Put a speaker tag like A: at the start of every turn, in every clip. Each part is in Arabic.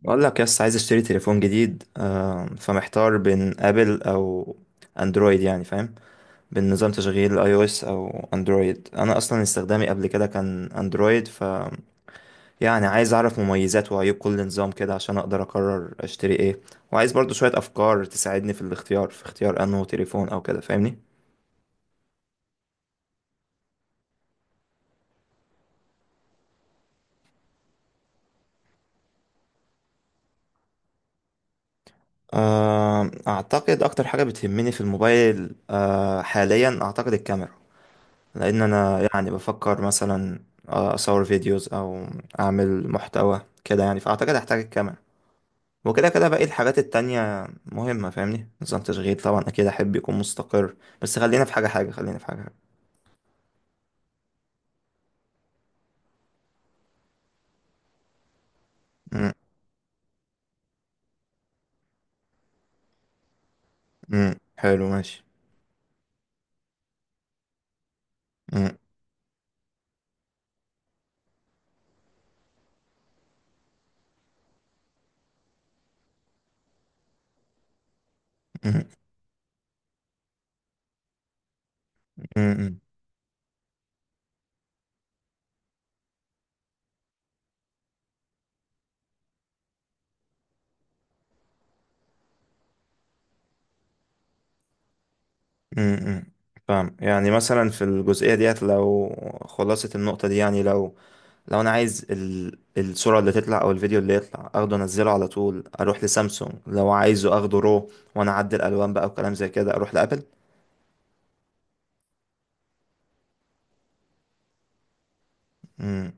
A: بقول لك يس عايز اشتري تليفون جديد فمحتار بين ابل او اندرويد، يعني فاهم، بين نظام تشغيل اي او اس او اندرويد. انا اصلا استخدامي قبل كده كان اندرويد، ف يعني عايز اعرف مميزات وعيوب كل نظام كده عشان اقدر اقرر اشتري ايه، وعايز برضو شوية افكار تساعدني في اختيار انه تليفون او كده، فاهمني. اعتقد اكتر حاجة بتهمني في الموبايل حاليا اعتقد الكاميرا، لان انا يعني بفكر مثلا اصور فيديوز او اعمل محتوى كده، يعني فاعتقد هحتاج الكاميرا، وكده كده باقي الحاجات التانية مهمة فاهمني. نظام تشغيل طبعا اكيد احب يكون مستقر. بس خلينا في حاجة حاجة. م- م. حلو ماشي. م-، م-، م-، م-، م-، م. فاهم، يعني مثلا في الجزئية ديت، لو خلاصة النقطة دي، يعني لو لو انا عايز الصورة اللي تطلع او الفيديو اللي يطلع اخده انزله على طول، اروح لسامسونج. لو عايزه اخده رو وانا اعدل الالوان بقى وكلام زي كده، اروح لابل. امم.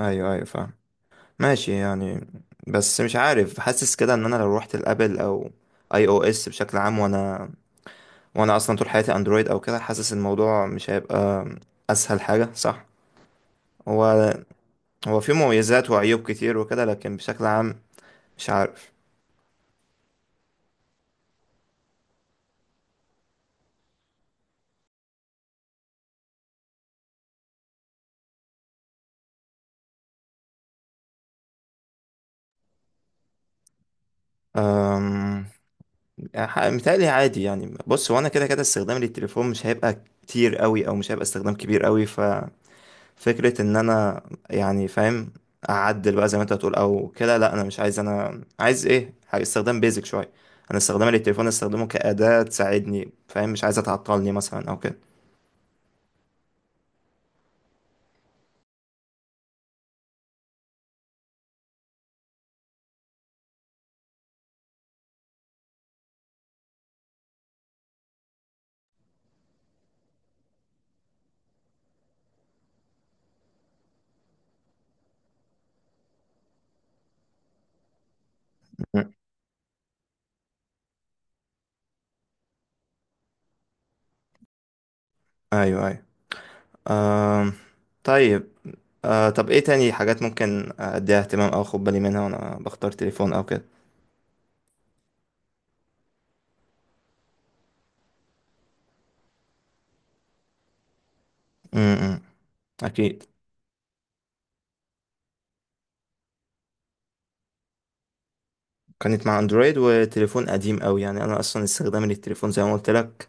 A: ايوه، ايوه، فاهم. ماشي يعني. بس مش عارف، حاسس كده ان انا لو روحت لابل او اي او اس بشكل عام، وانا اصلا طول حياتي اندرويد او كده، حاسس الموضوع مش هيبقى اسهل حاجة، صح؟ هو هو في مميزات وعيوب كتير وكده، لكن بشكل عام مش عارف. أم... يعني متهيألي عادي يعني. بص، هو انا كده كده استخدامي للتليفون مش هيبقى كتير قوي، او مش هيبقى استخدام كبير قوي، ففكرة ان انا يعني فاهم اعدل بقى زي ما انت هتقول او كده، لا انا مش عايز. انا عايز ايه، استخدام بيزك شوية. انا استخدامي للتليفون استخدمه كأداة تساعدني، فاهم، مش عايزة تعطلني مثلا او كده. م. ايوه، ايوه. آم. طيب. طب ايه تاني حاجات ممكن اديها اهتمام او اخد بالي منها وانا بختار تليفون او كده؟ م-، م. اكيد. كانت مع اندرويد، وتليفون قديم قوي يعني. انا اصلا استخدامي للتليفون زي ما قلت لك،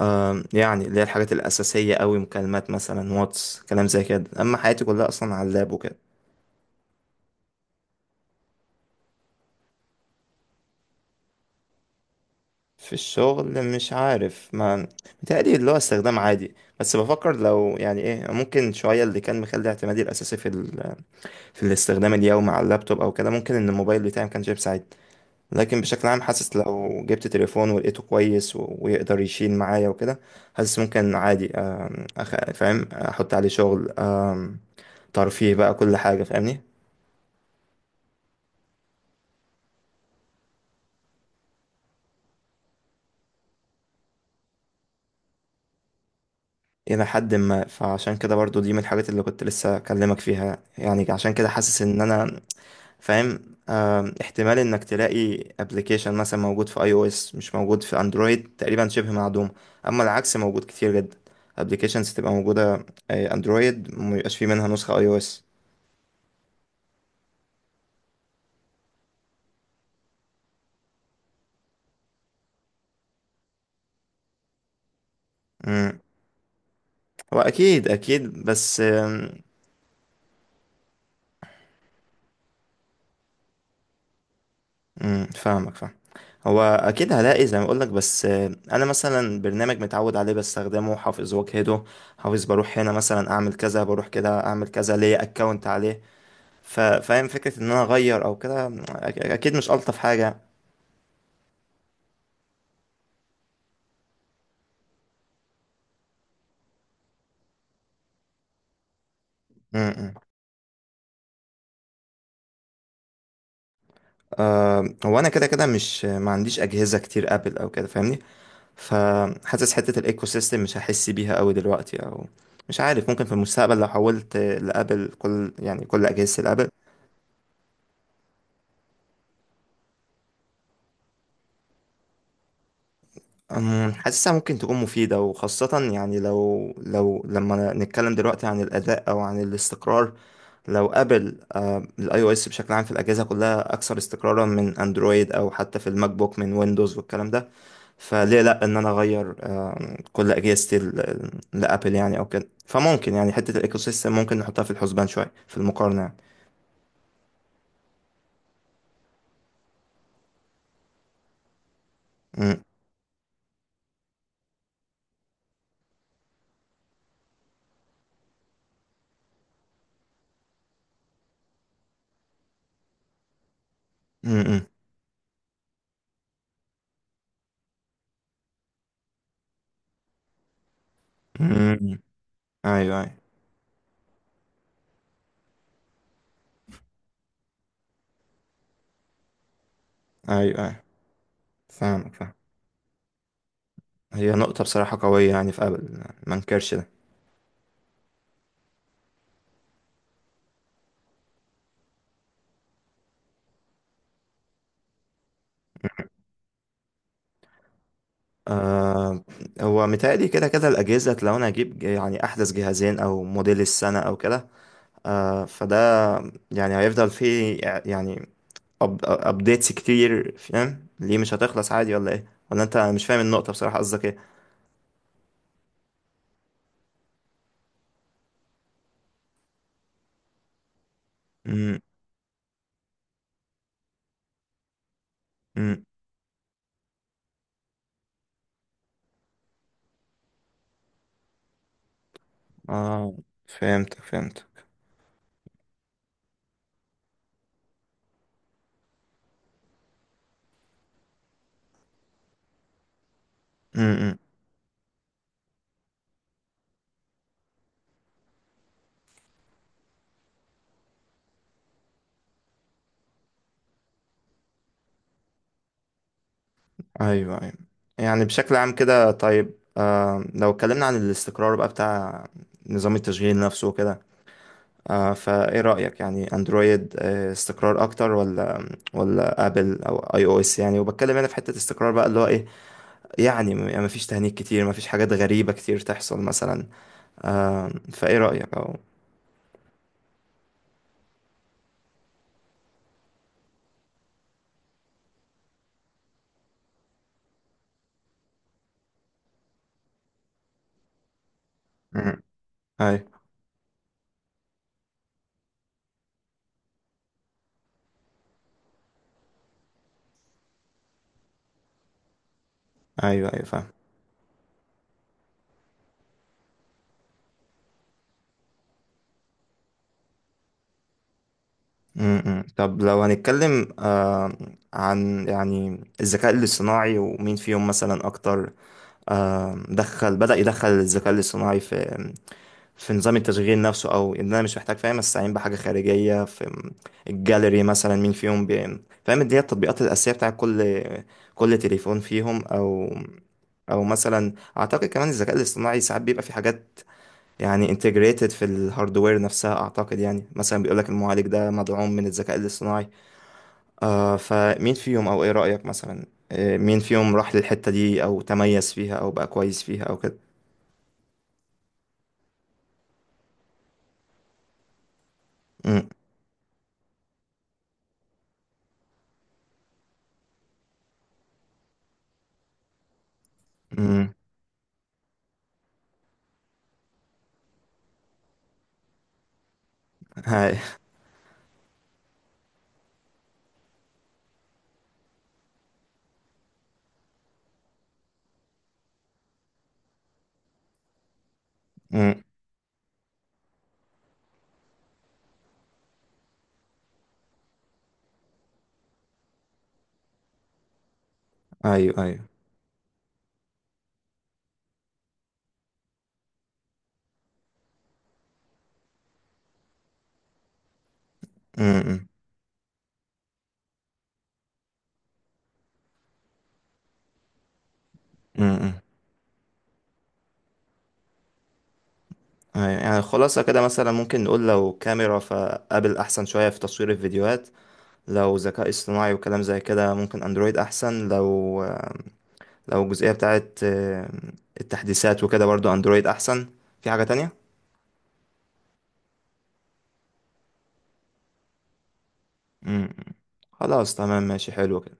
A: يعني اللي هي الحاجات الاساسيه قوي، مكالمات مثلا، واتس، كلام زي كده، اما حياتي كلها اصلا على اللاب وكده. في الشغل مش عارف، ما متهيألي اللي هو استخدام عادي، بس بفكر لو يعني ايه ممكن شويه اللي كان مخلي اعتمادي الاساسي في في الاستخدام اليومي على اللابتوب او كده، ممكن ان الموبايل بتاعي ما كانش بيساعدني. لكن بشكل عام حاسس لو جبت تليفون ولقيته كويس ويقدر يشيل معايا وكده، حاسس ممكن عادي فاهم احط عليه شغل، ترفيه بقى، كل حاجة فاهمني. الى حد ما، فعشان كده برضو دي من الحاجات اللي كنت لسه اكلمك فيها، يعني عشان كده حاسس ان انا فاهم احتمال انك تلاقي ابلكيشن مثلا موجود في اي او اس مش موجود في اندرويد تقريبا شبه معدوم، اما العكس موجود كتير جدا، ابلكيشنز تبقى موجودة اندرويد ميبقاش فيه منها نسخة اي او اس. هو اكيد اكيد، بس مم، فاهمك فاهم. هو اكيد هلاقي زي ما اقولك، بس انا مثلا برنامج متعود عليه بستخدمه حافظ واجهده، حافظ بروح هنا مثلا اعمل كذا، بروح كده اعمل كذا، ليا اكونت عليه، فاهم، فكرة ان انا اغير او كده اكيد مش الطف حاجة. مم، مم. هو انا كده كده مش، ما عنديش اجهزة كتير ابل او كده فاهمني، فحاسس حتة الايكو سيستم مش هحس بيها قوي دلوقتي، او مش عارف. ممكن في المستقبل لو حولت لابل كل، يعني كل اجهزة الابل. حاسسها ممكن تكون مفيدة، وخاصة يعني لو لما نتكلم دلوقتي عن الأداء أو عن الاستقرار. لو أبل، الاي او اس بشكل عام في الأجهزة كلها أكثر استقرارا من أندرويد، أو حتى في الماك بوك من ويندوز والكلام ده، فليه لأ إن أنا أغير كل اجهزه لابل يعني او كده. فممكن يعني حته الايكو سيستم ممكن نحطها في الحسبان شويه في المقارنه يعني. امم. امم. امم. ايوه، ايوه. ايوه، ايوه، فاهمك فاهم. هي نقطه بصراحه قويه يعني في ابل، ما انكرش ده. آه هو متهيألي كده كده الاجهزه، لو انا اجيب يعني احدث جهازين او موديل السنه او كده، فده يعني هيفضل فيه، يعني ابديتس كتير، فاهم، ليه مش هتخلص؟ عادي ولا ايه؟ ولا انت مش فاهم النقطه بصراحه؟ قصدك ايه؟ امم. اه، فهمتك فهمتك. امم. ايوه، ايوه. يعني بشكل عام كده. طيب، لو اتكلمنا عن الاستقرار بقى بتاع نظام التشغيل نفسه وكده، فايه رأيك؟ يعني اندرويد استقرار اكتر، ولا ابل او اي او اس يعني؟ وبتكلم هنا في حتة استقرار بقى، اللي هو ايه، يعني ما فيش تهنيك كتير، ما فيش حاجات غريبة كتير تحصل مثلا. فايه رأيك او. امم. ايوه، ايوه، ايوه، فاهم. امم. طب لو هنتكلم عن يعني الذكاء الاصطناعي، ومين فيهم مثلا اكتر؟ بدأ يدخل الذكاء الاصطناعي في نظام التشغيل نفسه، او ان انا مش محتاج، فاهم، استعين بحاجة خارجية في الجاليري مثلا. مين فيهم فاهم، دي هي التطبيقات الأساسية بتاع كل تليفون فيهم. او مثلا اعتقد كمان الذكاء الاصطناعي ساعات بيبقى في حاجات يعني انتجريتد في الهاردوير نفسها، اعتقد يعني مثلا بيقولك المعالج ده مدعوم من الذكاء الاصطناعي. فمين فيهم، او ايه رأيك مثلا؟ مين فيهم راح للحتة دي، او تميز فيها، او بقى كويس فيها او كده؟ أمم، أمم، هاي، أمم، ايوه، ايوه، أمم، أمم، أمم، أيوة. يعني خلاصة كده مثلا ممكن نقول، لو كاميرا فابل احسن شوية في تصوير الفيديوهات، لو ذكاء اصطناعي وكلام زي كده ممكن اندرويد احسن، لو لو الجزئية بتاعت التحديثات وكده برضو اندرويد احسن. في حاجة تانية؟ أمم، خلاص، تمام، ماشي، حلو كده.